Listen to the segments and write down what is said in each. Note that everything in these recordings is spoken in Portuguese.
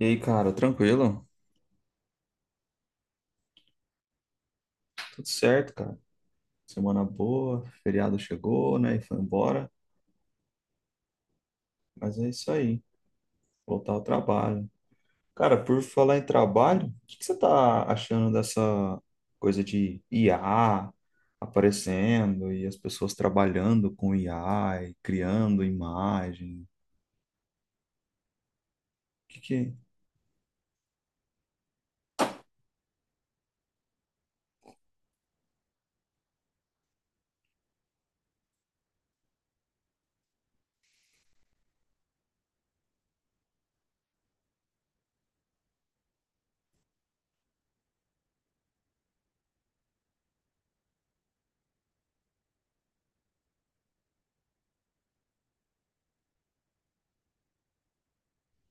E aí, cara, tranquilo? Tudo certo, cara. Semana boa, feriado chegou, né? E foi embora. Mas é isso aí, voltar ao trabalho. Cara, por falar em trabalho, o que você tá achando dessa coisa de IA aparecendo e as pessoas trabalhando com IA e criando imagem? O que que...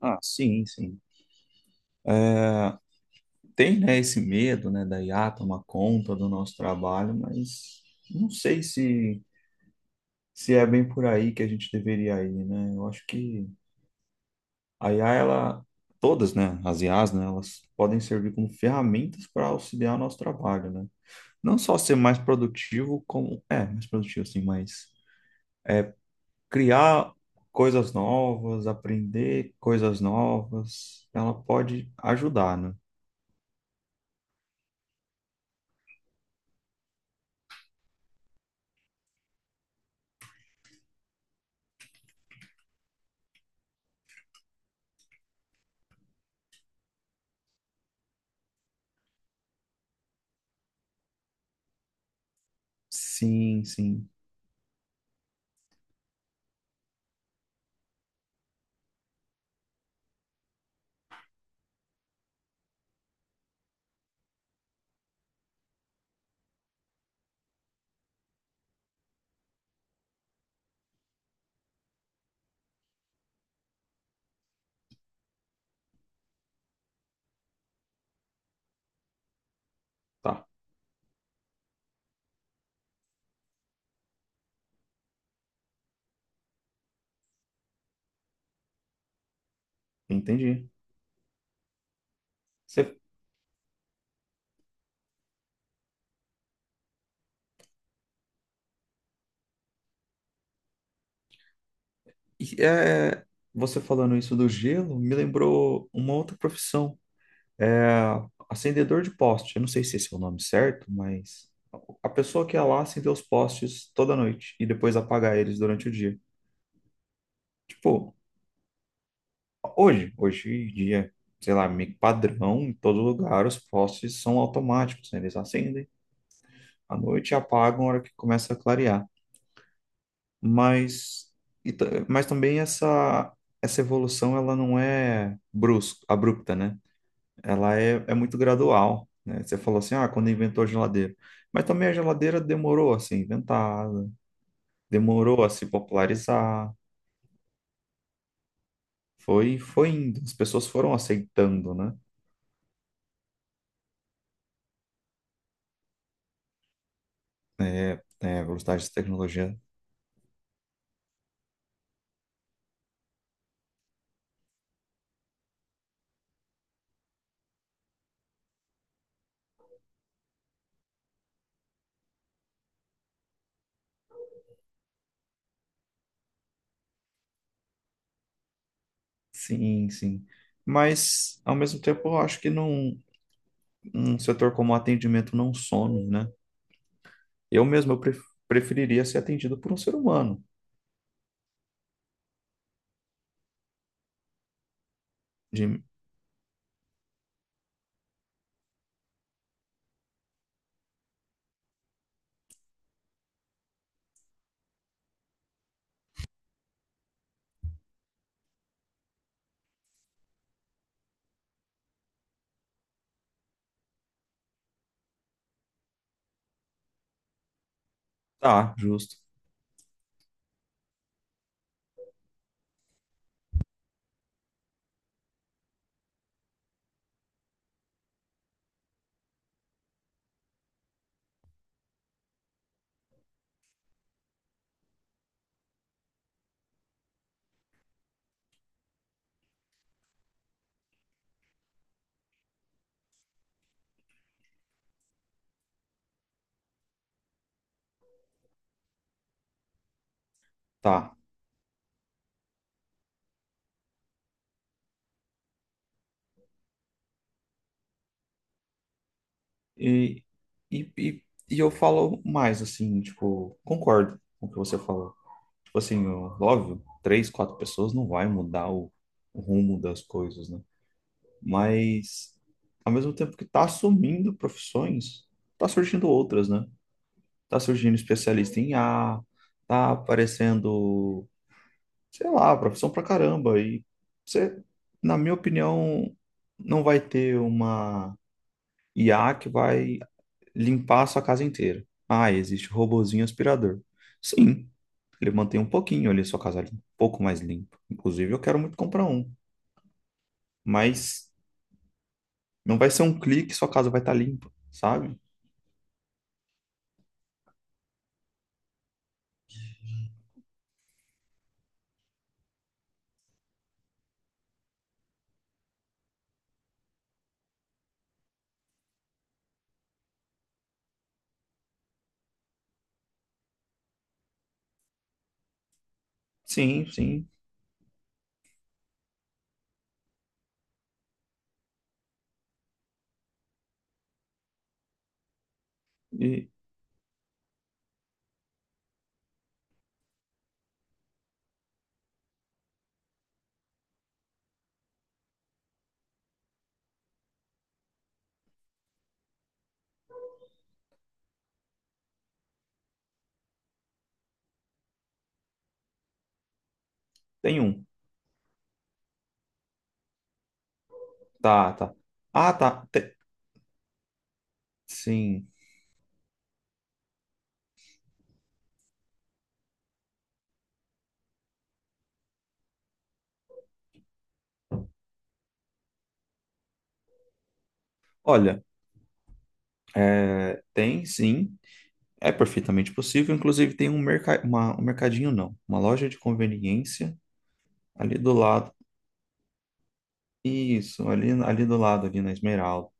Ah, sim, sim. Tem, né, esse medo, né, da IA tomar conta do nosso trabalho, mas não sei se é bem por aí que a gente deveria ir, né? Eu acho que a IA, ela, todas, né, as IAs, né, elas podem servir como ferramentas para auxiliar o nosso trabalho, né? Não só ser mais produtivo, como, mais produtivo, assim, mas criar coisas novas, aprender coisas novas, ela pode ajudar, né? Sim, sim, tá, entendi. Você, e, é, você falando isso do gelo me lembrou uma outra profissão. É, acendedor de poste. Eu não sei se esse é o nome certo, mas a pessoa que ia lá acender os postes toda noite e depois apagar eles durante o dia. Tipo, hoje em dia, sei lá, meio que padrão, em todo lugar os postes são automáticos, né? Eles acendem à noite e apagam na hora que começa a clarear. Mas, mas também essa evolução ela não é brusca, abrupta, né? Ela é muito gradual, né? Você falou assim, ah, quando inventou a geladeira. Mas também a geladeira demorou a ser inventada, demorou a se popularizar, foi indo, as pessoas foram aceitando, né? A velocidade de tecnologia. Sim, sim. Mas, ao mesmo tempo, eu acho que um setor como atendimento não some, né? Eu mesmo eu preferiria ser atendido por um ser humano. De, tá, justo. Tá. E, e, e, e eu falo mais, assim, tipo, concordo com o que você falou. Tipo assim, ó, óbvio, três, quatro pessoas não vai mudar o rumo das coisas, né? Mas, ao mesmo tempo que tá assumindo profissões, tá surgindo outras, né? Tá surgindo especialista em IA, tá aparecendo, sei lá, profissão pra caramba. E você, na minha opinião, não vai ter uma IA que vai limpar a sua casa inteira. Ah, existe o robozinho aspirador. Sim, ele mantém um pouquinho ali a sua casa limpa, um pouco mais limpa. Inclusive, eu quero muito comprar um, mas não vai ser um clique, e sua casa vai estar limpa, sabe? Sim, sim. E tem um. Tá, tá. Ah, tá. Te-. Sim. Olha, é, tem sim. É perfeitamente possível. Inclusive, tem um, merca... uma- um mercadinho, não. Uma loja de conveniência ali do lado. Isso, ali, ali do lado, ali na Esmeralda.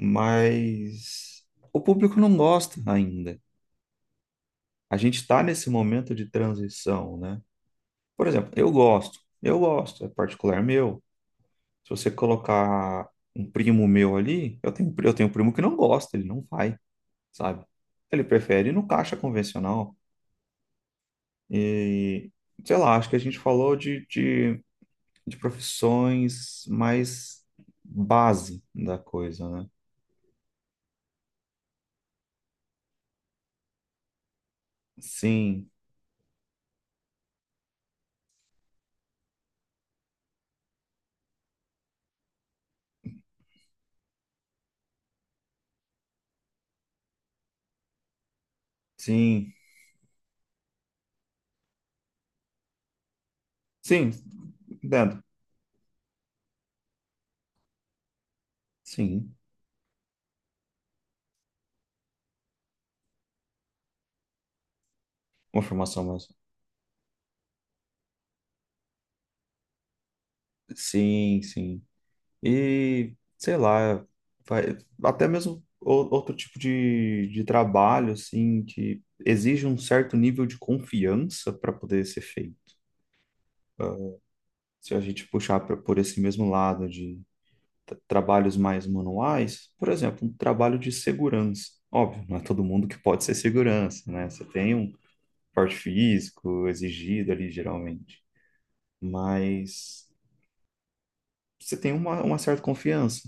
Mas o público não gosta ainda. A gente está nesse momento de transição, né? Por exemplo, eu gosto, é particular meu. Se você colocar um primo meu ali, eu tenho um primo que não gosta, ele não vai, sabe? Ele prefere ir no caixa convencional. E, sei lá, acho que a gente falou de profissões mais base da coisa, né? Sim, sim, sim, entendo. Sim. Uma formação mais. Sim, sim. E, sei lá, vai, até mesmo outro tipo de trabalho, assim, que exige um certo nível de confiança para poder ser feito. Ah, se a gente puxar por esse mesmo lado de trabalhos mais manuais, por exemplo, um trabalho de segurança. Óbvio, não é todo mundo que pode ser segurança, né? Você tem um porte físico exigido ali, geralmente. Mas você tem uma certa confiança.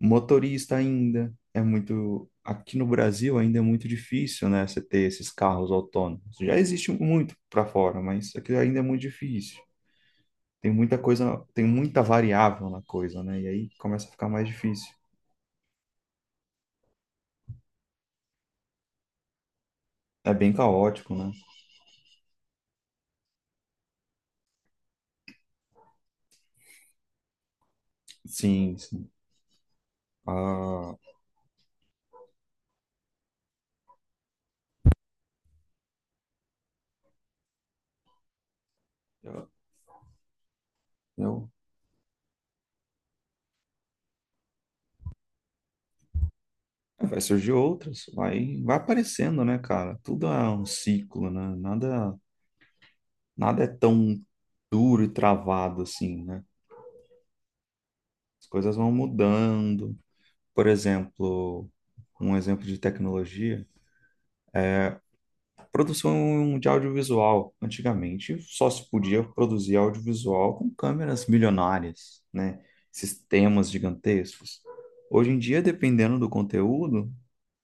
Motorista ainda é muito. Aqui no Brasil ainda é muito difícil, né? Você ter esses carros autônomos. Já existe muito para fora, mas aqui ainda é muito difícil. Tem muita coisa, tem muita variável na coisa, né? E aí começa a ficar mais difícil. É bem caótico, né? Sim, sim. Ah, eu- vai surgir outras, vai aparecendo, né, cara? Tudo é um ciclo, né? Nada é tão duro e travado assim, né? As coisas vão mudando. Por exemplo, um exemplo de tecnologia, produção de audiovisual. Antigamente, só se podia produzir audiovisual com câmeras milionárias, né? Sistemas gigantescos. Hoje em dia, dependendo do conteúdo,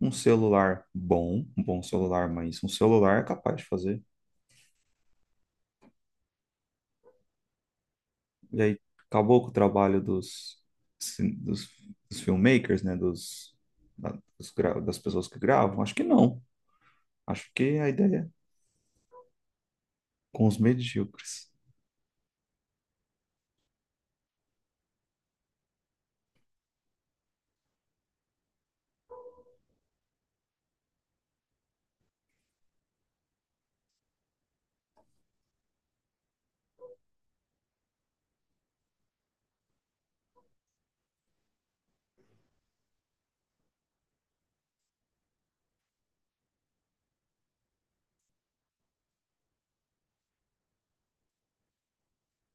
um bom celular, mas um celular é capaz de fazer. E aí, acabou com o trabalho dos, cin- dos, dos filmmakers, né? Dos, das pessoas que gravam? Acho que não. Acho que a ideia com os medíocres.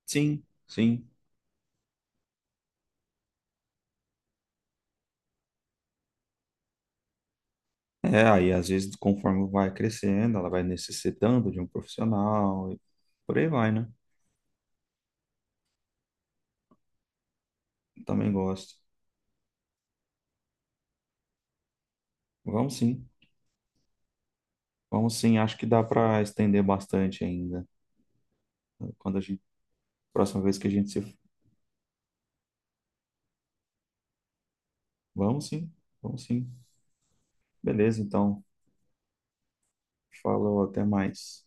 Sim, sim. É, aí às vezes, conforme vai crescendo, ela vai necessitando de um profissional e por aí vai, né? Também gosto. Vamos sim, vamos sim. Acho que dá para estender bastante ainda. Quando a gente, próxima vez que a gente se. Vamos sim, vamos sim. Beleza, então. Falou, até mais.